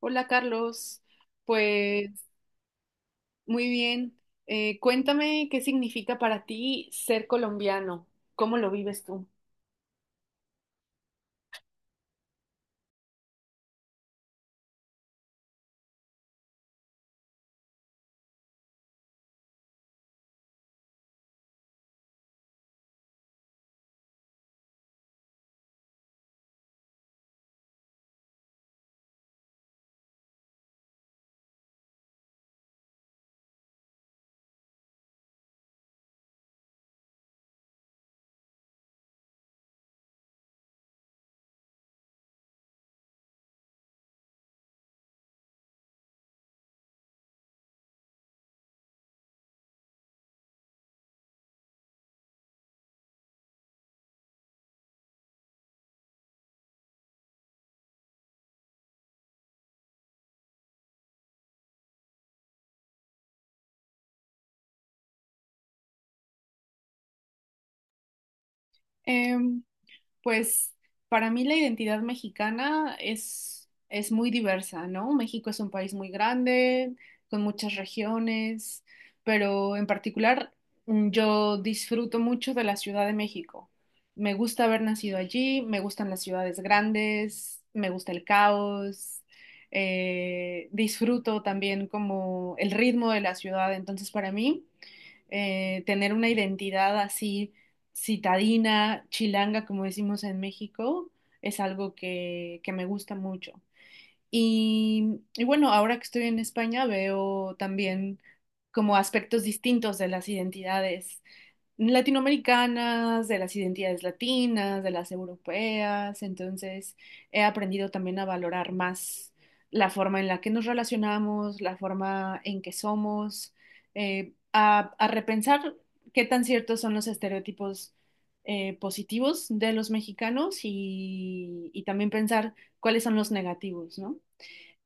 Hola Carlos, pues muy bien. Cuéntame qué significa para ti ser colombiano, cómo lo vives tú. Pues para mí la identidad mexicana es muy diversa, ¿no? México es un país muy grande, con muchas regiones, pero en particular yo disfruto mucho de la Ciudad de México. Me gusta haber nacido allí, me gustan las ciudades grandes, me gusta el caos, disfruto también como el ritmo de la ciudad, entonces para mí tener una identidad así citadina, chilanga, como decimos en México, es algo que me gusta mucho. Y bueno, ahora que estoy en España veo también como aspectos distintos de las identidades latinoamericanas, de las identidades latinas, de las europeas. Entonces, he aprendido también a valorar más la forma en la que nos relacionamos, la forma en que somos, a repensar qué tan ciertos son los estereotipos positivos de los mexicanos y también pensar cuáles son los negativos, ¿no?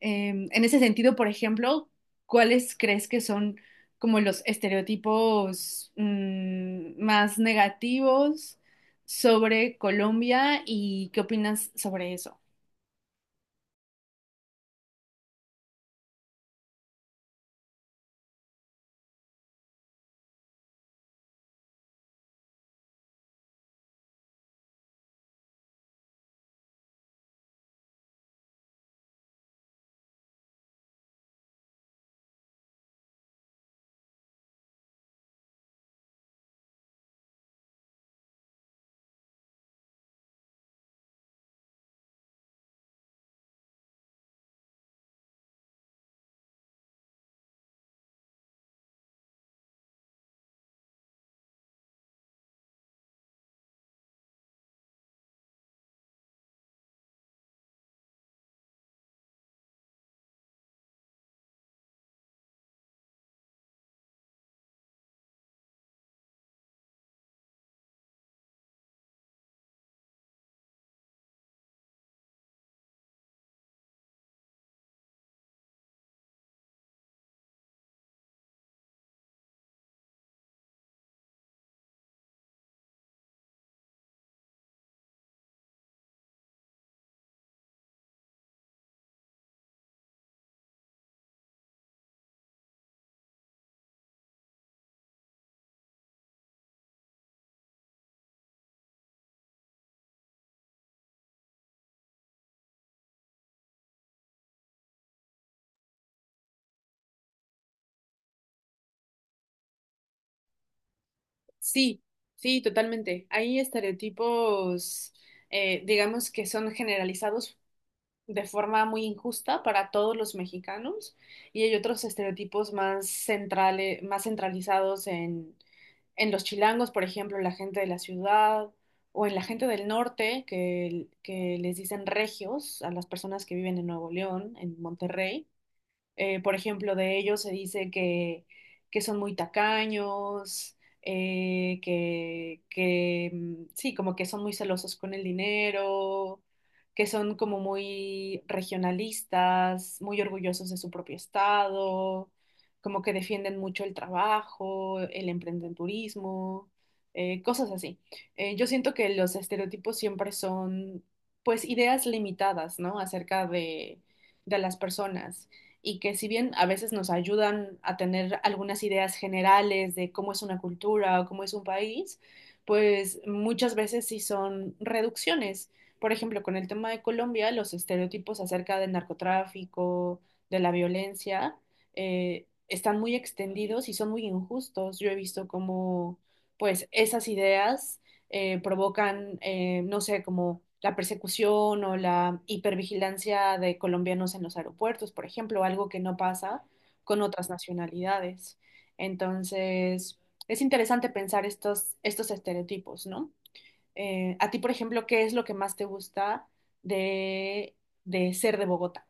En ese sentido, por ejemplo, ¿cuáles crees que son como los estereotipos más negativos sobre Colombia y qué opinas sobre eso? Sí, sí, totalmente. Hay estereotipos, digamos, que son generalizados de forma muy injusta para todos los mexicanos y hay otros estereotipos más centrales, más centralizados en los chilangos, por ejemplo, en la gente de la ciudad o en la gente del norte que les dicen regios a las personas que viven en Nuevo León, en Monterrey. Por ejemplo, de ellos se dice que son muy tacaños, sí, como que son muy celosos con el dinero, que son como muy regionalistas, muy orgullosos de su propio estado, como que defienden mucho el trabajo, el emprendedurismo, cosas así. Yo siento que los estereotipos siempre son, pues, ideas limitadas, ¿no? Acerca de las personas y que si bien a veces nos ayudan a tener algunas ideas generales de cómo es una cultura o cómo es un país, pues muchas veces sí son reducciones. Por ejemplo, con el tema de Colombia, los estereotipos acerca del narcotráfico, de la violencia, están muy extendidos y son muy injustos. Yo he visto cómo, pues, esas ideas provocan, no sé, como la persecución o la hipervigilancia de colombianos en los aeropuertos, por ejemplo, algo que no pasa con otras nacionalidades. Entonces, es interesante pensar estos estereotipos, ¿no? A ti, por ejemplo, ¿qué es lo que más te gusta de, de ser de Bogotá?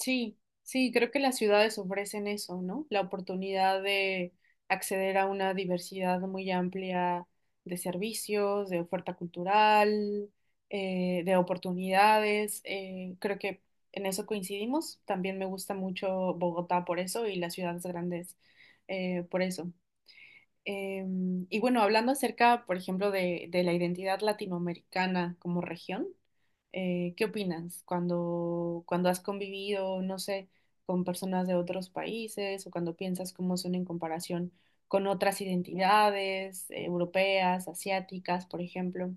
Sí, sí, creo que las ciudades ofrecen eso, ¿no? La oportunidad de acceder a una diversidad muy amplia de servicios, de oferta cultural, de oportunidades. Creo que en eso coincidimos. También me gusta mucho Bogotá por eso y las ciudades grandes por eso. Y bueno, hablando acerca, por ejemplo, de la identidad latinoamericana como región, ¿qué opinas cuando has convivido, no sé, con personas de otros países o cuando piensas cómo son en comparación con otras identidades, europeas, asiáticas, por ejemplo?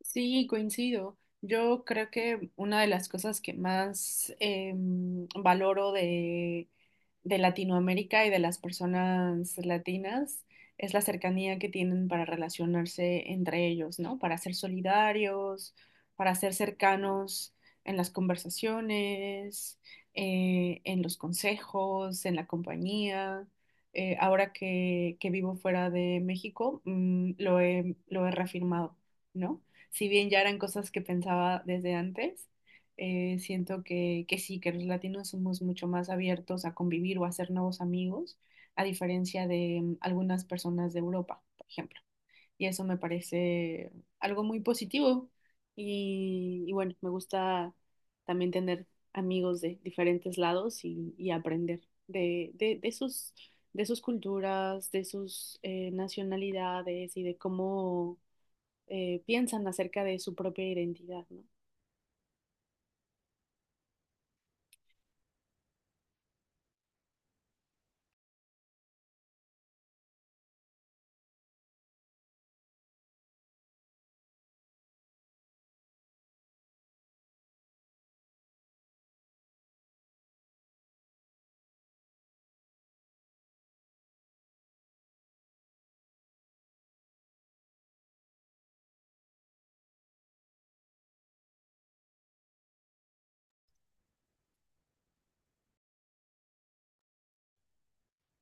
Sí, coincido. Yo creo que una de las cosas que más valoro de Latinoamérica y de las personas latinas es la cercanía que tienen para relacionarse entre ellos, ¿no? Para ser solidarios, para ser cercanos en las conversaciones, en los consejos, en la compañía. Ahora que vivo fuera de México, lo he reafirmado, ¿no? Si bien ya eran cosas que pensaba desde antes, siento que sí, que los latinos somos mucho más abiertos a convivir o a hacer nuevos amigos, a diferencia de algunas personas de Europa, por ejemplo. Y eso me parece algo muy positivo. Y bueno, me gusta también tener amigos de diferentes lados y aprender de sus culturas, de sus nacionalidades y de cómo piensan acerca de su propia identidad, ¿no?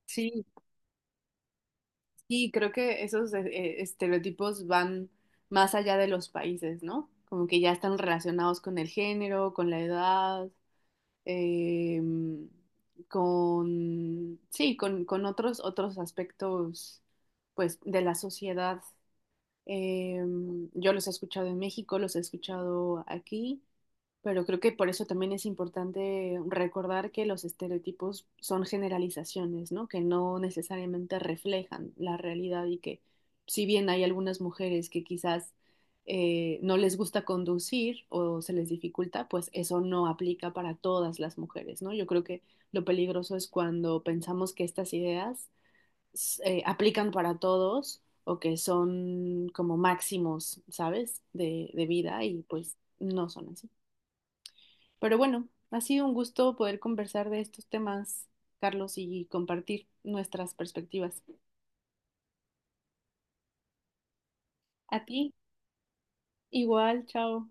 Sí, sí, creo que esos estereotipos van más allá de los países, ¿no? Como que ya están relacionados con el género, con la edad, em, sí, con otros, otros aspectos, pues, de la sociedad. Yo los he escuchado en México, los he escuchado aquí, pero creo que por eso también es importante recordar que los estereotipos son generalizaciones, ¿no? Que no necesariamente reflejan la realidad y que si bien hay algunas mujeres que quizás no les gusta conducir o se les dificulta, pues eso no aplica para todas las mujeres, ¿no? Yo creo que lo peligroso es cuando pensamos que estas ideas aplican para todos o que son como máximos, ¿sabes? De vida y pues no son así. Pero bueno, ha sido un gusto poder conversar de estos temas, Carlos, y compartir nuestras perspectivas. A ti, igual, chao.